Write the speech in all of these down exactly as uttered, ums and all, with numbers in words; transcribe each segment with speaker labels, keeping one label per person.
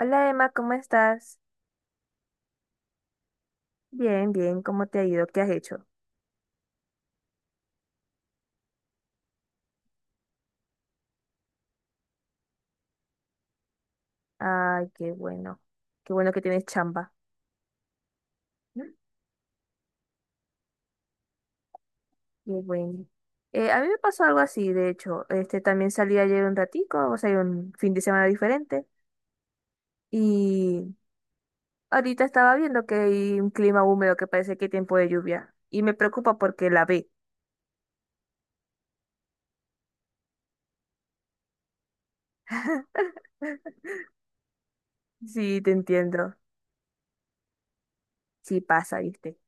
Speaker 1: Hola Emma, ¿cómo estás? Bien, bien, ¿cómo te ha ido? ¿Qué has hecho? Ay, qué bueno, qué bueno que tienes chamba. ¿Mm? Qué bueno. Eh, a mí me pasó algo así, de hecho, este también salí ayer un ratico, o sea, un fin de semana diferente, y ahorita estaba viendo que hay un clima húmedo que parece que hay tiempo de lluvia, y me preocupa porque la ve. Sí, te entiendo, sí pasa, viste,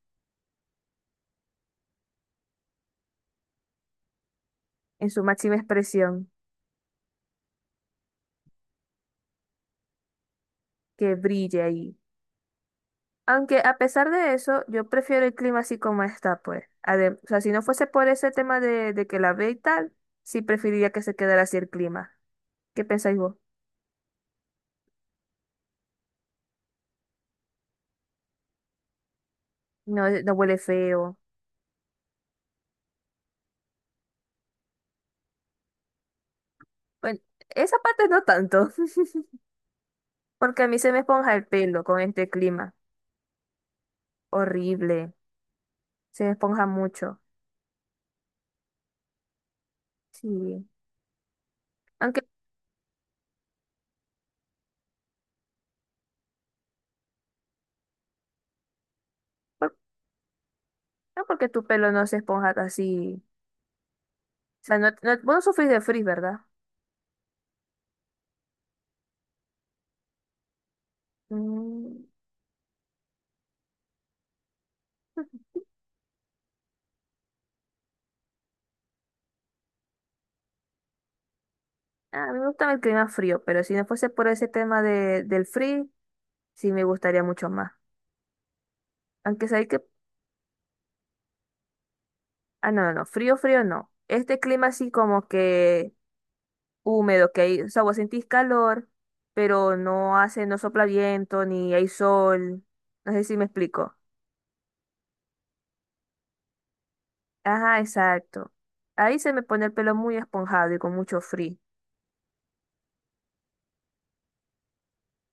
Speaker 1: en su máxima expresión, que brille ahí. Aunque a pesar de eso, yo prefiero el clima así como está, pues. Adem- o sea, si no fuese por ese tema de, de que la ve y tal, sí preferiría que se quedara así el clima. ¿Qué pensáis vos? No, eh, no huele feo. Bueno, esa parte no tanto, porque a mí se me esponja el pelo con este clima. Horrible. Se me esponja mucho. Sí. Aunque, por- no porque tu pelo no se esponja así. O sea, no, no, vos no sufrís de frizz, ¿verdad? Mm. A mí me gusta el clima frío, pero si no fuese por ese tema de, del frío, sí, me gustaría mucho más. Aunque sabéis que. Ah, no, no, no. Frío, frío, no. Este clima así como que húmedo, que hay. O sea, vos sentís calor, pero no hace, no sopla viento, ni hay sol. No sé si me explico. Ajá, exacto. Ahí se me pone el pelo muy esponjado y con mucho frío.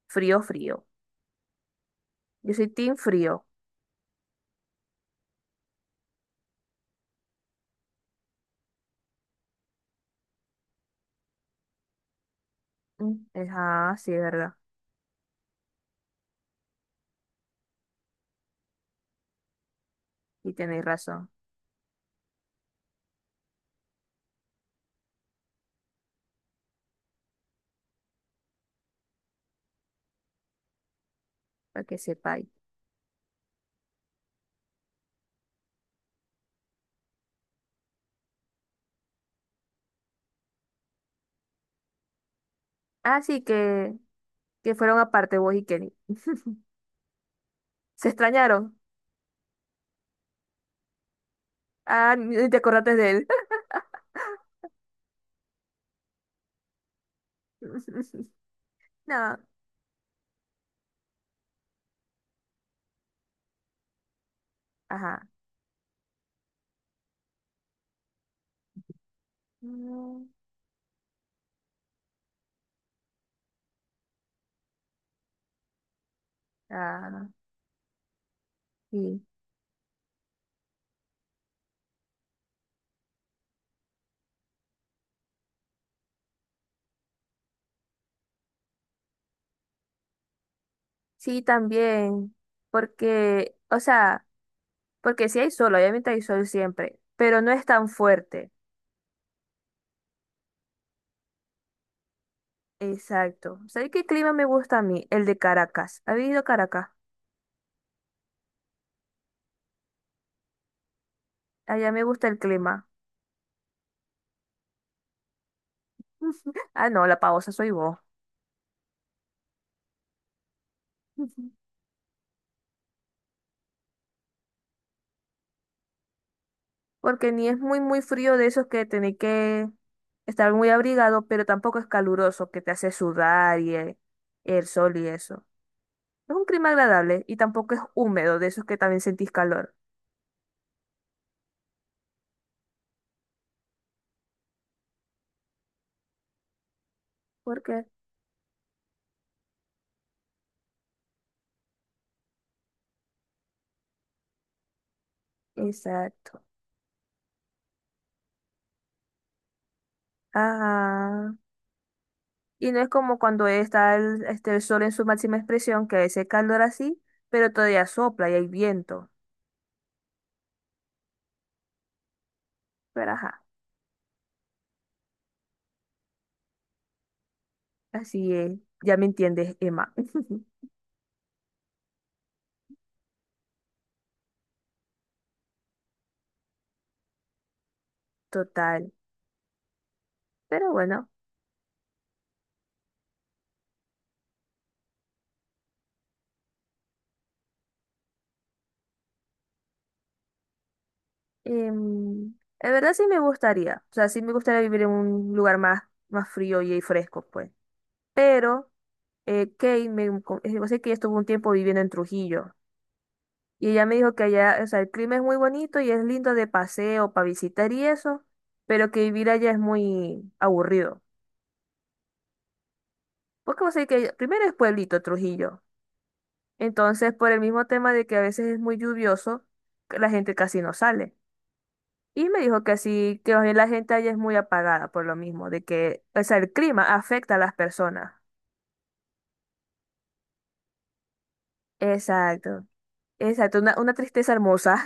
Speaker 1: Frío, frío. Yo soy team frío. Mm, ajá, sí, es verdad. Y tenéis razón, para que sepáis. Así que, que fueron aparte vos y Kenny. ¿Se extrañaron? Ah, ni te acordaste de él. No, ajá. Mm, ah, sí. Sí, también, porque, o sea, porque sí hay sol, obviamente hay sol siempre, pero no es tan fuerte. Exacto. ¿Sabes qué clima me gusta a mí? El de Caracas. ¿Has ido a Caracas? Allá me gusta el clima. Ah, no, la pausa soy vos. Porque ni es muy, muy frío de esos que tenés que estar muy abrigado, pero tampoco es caluroso, que te hace sudar y el, el sol y eso. Es un clima agradable y tampoco es húmedo, de esos que también sentís calor. ¿Por qué? Exacto. Ajá. Y no es como cuando está el, este, el sol en su máxima expresión, que ese calor así, pero todavía sopla y hay viento. Pero ajá, así es. Ya me entiendes, Emma. Total. Pero bueno, em, en verdad sí me gustaría. O sea, sí me gustaría vivir en un lugar más, más frío y fresco, pues. Pero eh, Kate, me, co- eh, yo sé que ella estuvo un tiempo viviendo en Trujillo. Y ella me dijo que allá, o sea, el clima es muy bonito y es lindo de paseo, para visitar y eso, pero que vivir allá es muy aburrido. Porque vos sabés que primero es pueblito Trujillo. Entonces, por el mismo tema de que a veces es muy lluvioso, que la gente casi no sale. Y me dijo que así, que más bien la gente allá es muy apagada por lo mismo, de que, o sea, el clima afecta a las personas. Exacto, exacto, una, una tristeza hermosa,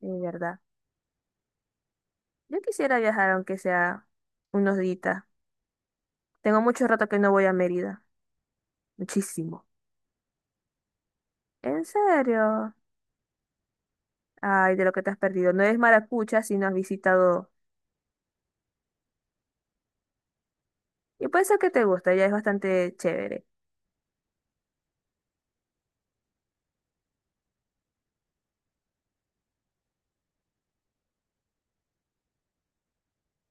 Speaker 1: de verdad. Yo quisiera viajar aunque sea unos días. Tengo mucho rato que no voy a Mérida. Muchísimo. ¿En serio? Ay, de lo que te has perdido. No es maracucha si no has visitado. Y puede ser que te guste, ya es bastante chévere.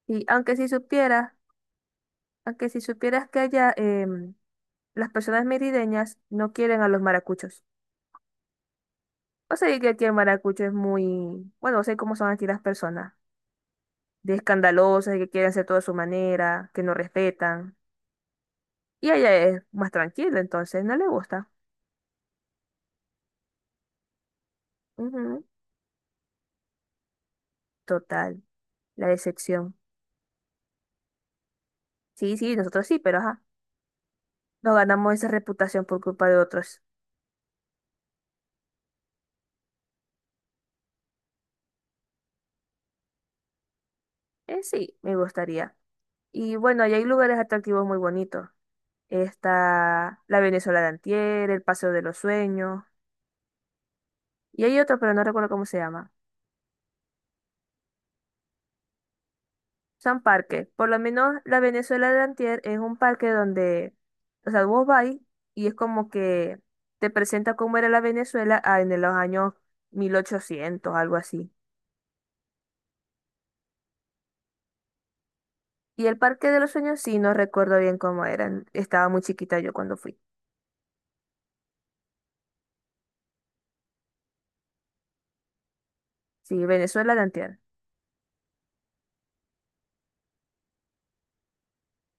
Speaker 1: Y aunque si supieras, aunque si supieras que allá em, las personas merideñas no quieren a los maracuchos. O sea, que aquí el maracucho es muy, bueno, no sé cómo son aquí las personas, de escandalosas, que quieren hacer todo a su manera, que no respetan. Y allá es más tranquilo, entonces no le gusta. Ujú, total, la decepción. Sí, sí, nosotros sí, pero ajá. No ganamos esa reputación por culpa de otros. Eh, sí, me gustaría. Y bueno, ahí hay lugares atractivos muy bonitos. Está la Venezuela de Antier, el Paseo de los Sueños. Y hay otro, pero no recuerdo cómo se llama. Son parques. Por lo menos la Venezuela de Antier es un parque donde, o sea, vos vas y es como que te presenta cómo era la Venezuela ah, en los años mil ochocientos, algo así. Y el Parque de los Sueños sí, no recuerdo bien cómo eran. Estaba muy chiquita yo cuando fui. Sí, Venezuela de Antier.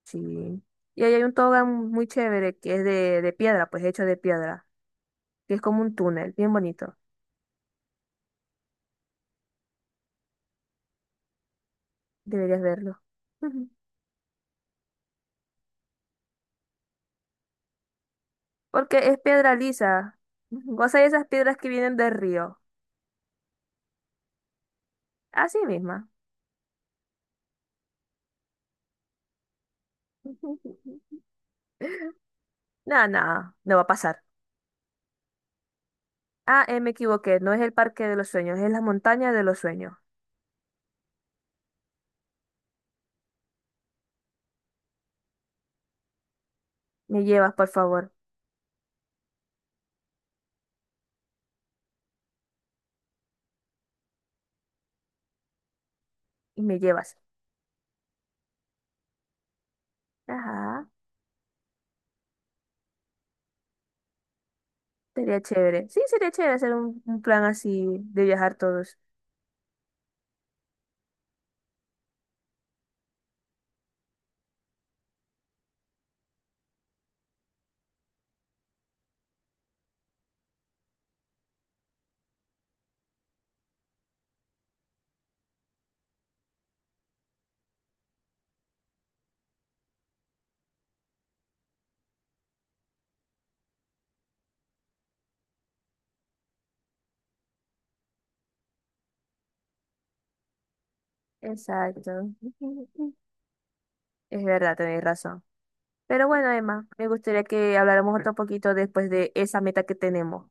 Speaker 1: Sí. Y ahí hay un tobogán muy chévere que es de, de piedra, pues hecho de piedra, que es como un túnel, bien bonito. Deberías verlo. Ujú. Porque es piedra lisa. Ujú. O sea, esas piedras que vienen del río. Así misma. No, no, no va a pasar. Ah, eh, me equivoqué, no es el parque de los sueños, es la montaña de los sueños. Me llevas, por favor, y me llevas. Ajá, sería chévere. Sí, sería chévere hacer un, un plan así de viajar todos. Exacto. Es verdad, tenés razón. Pero bueno, Emma, me gustaría que habláramos otro poquito después de esa meta que tenemos.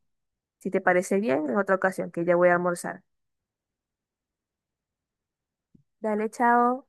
Speaker 1: Si te parece bien, en otra ocasión, que ya voy a almorzar. Dale, chao.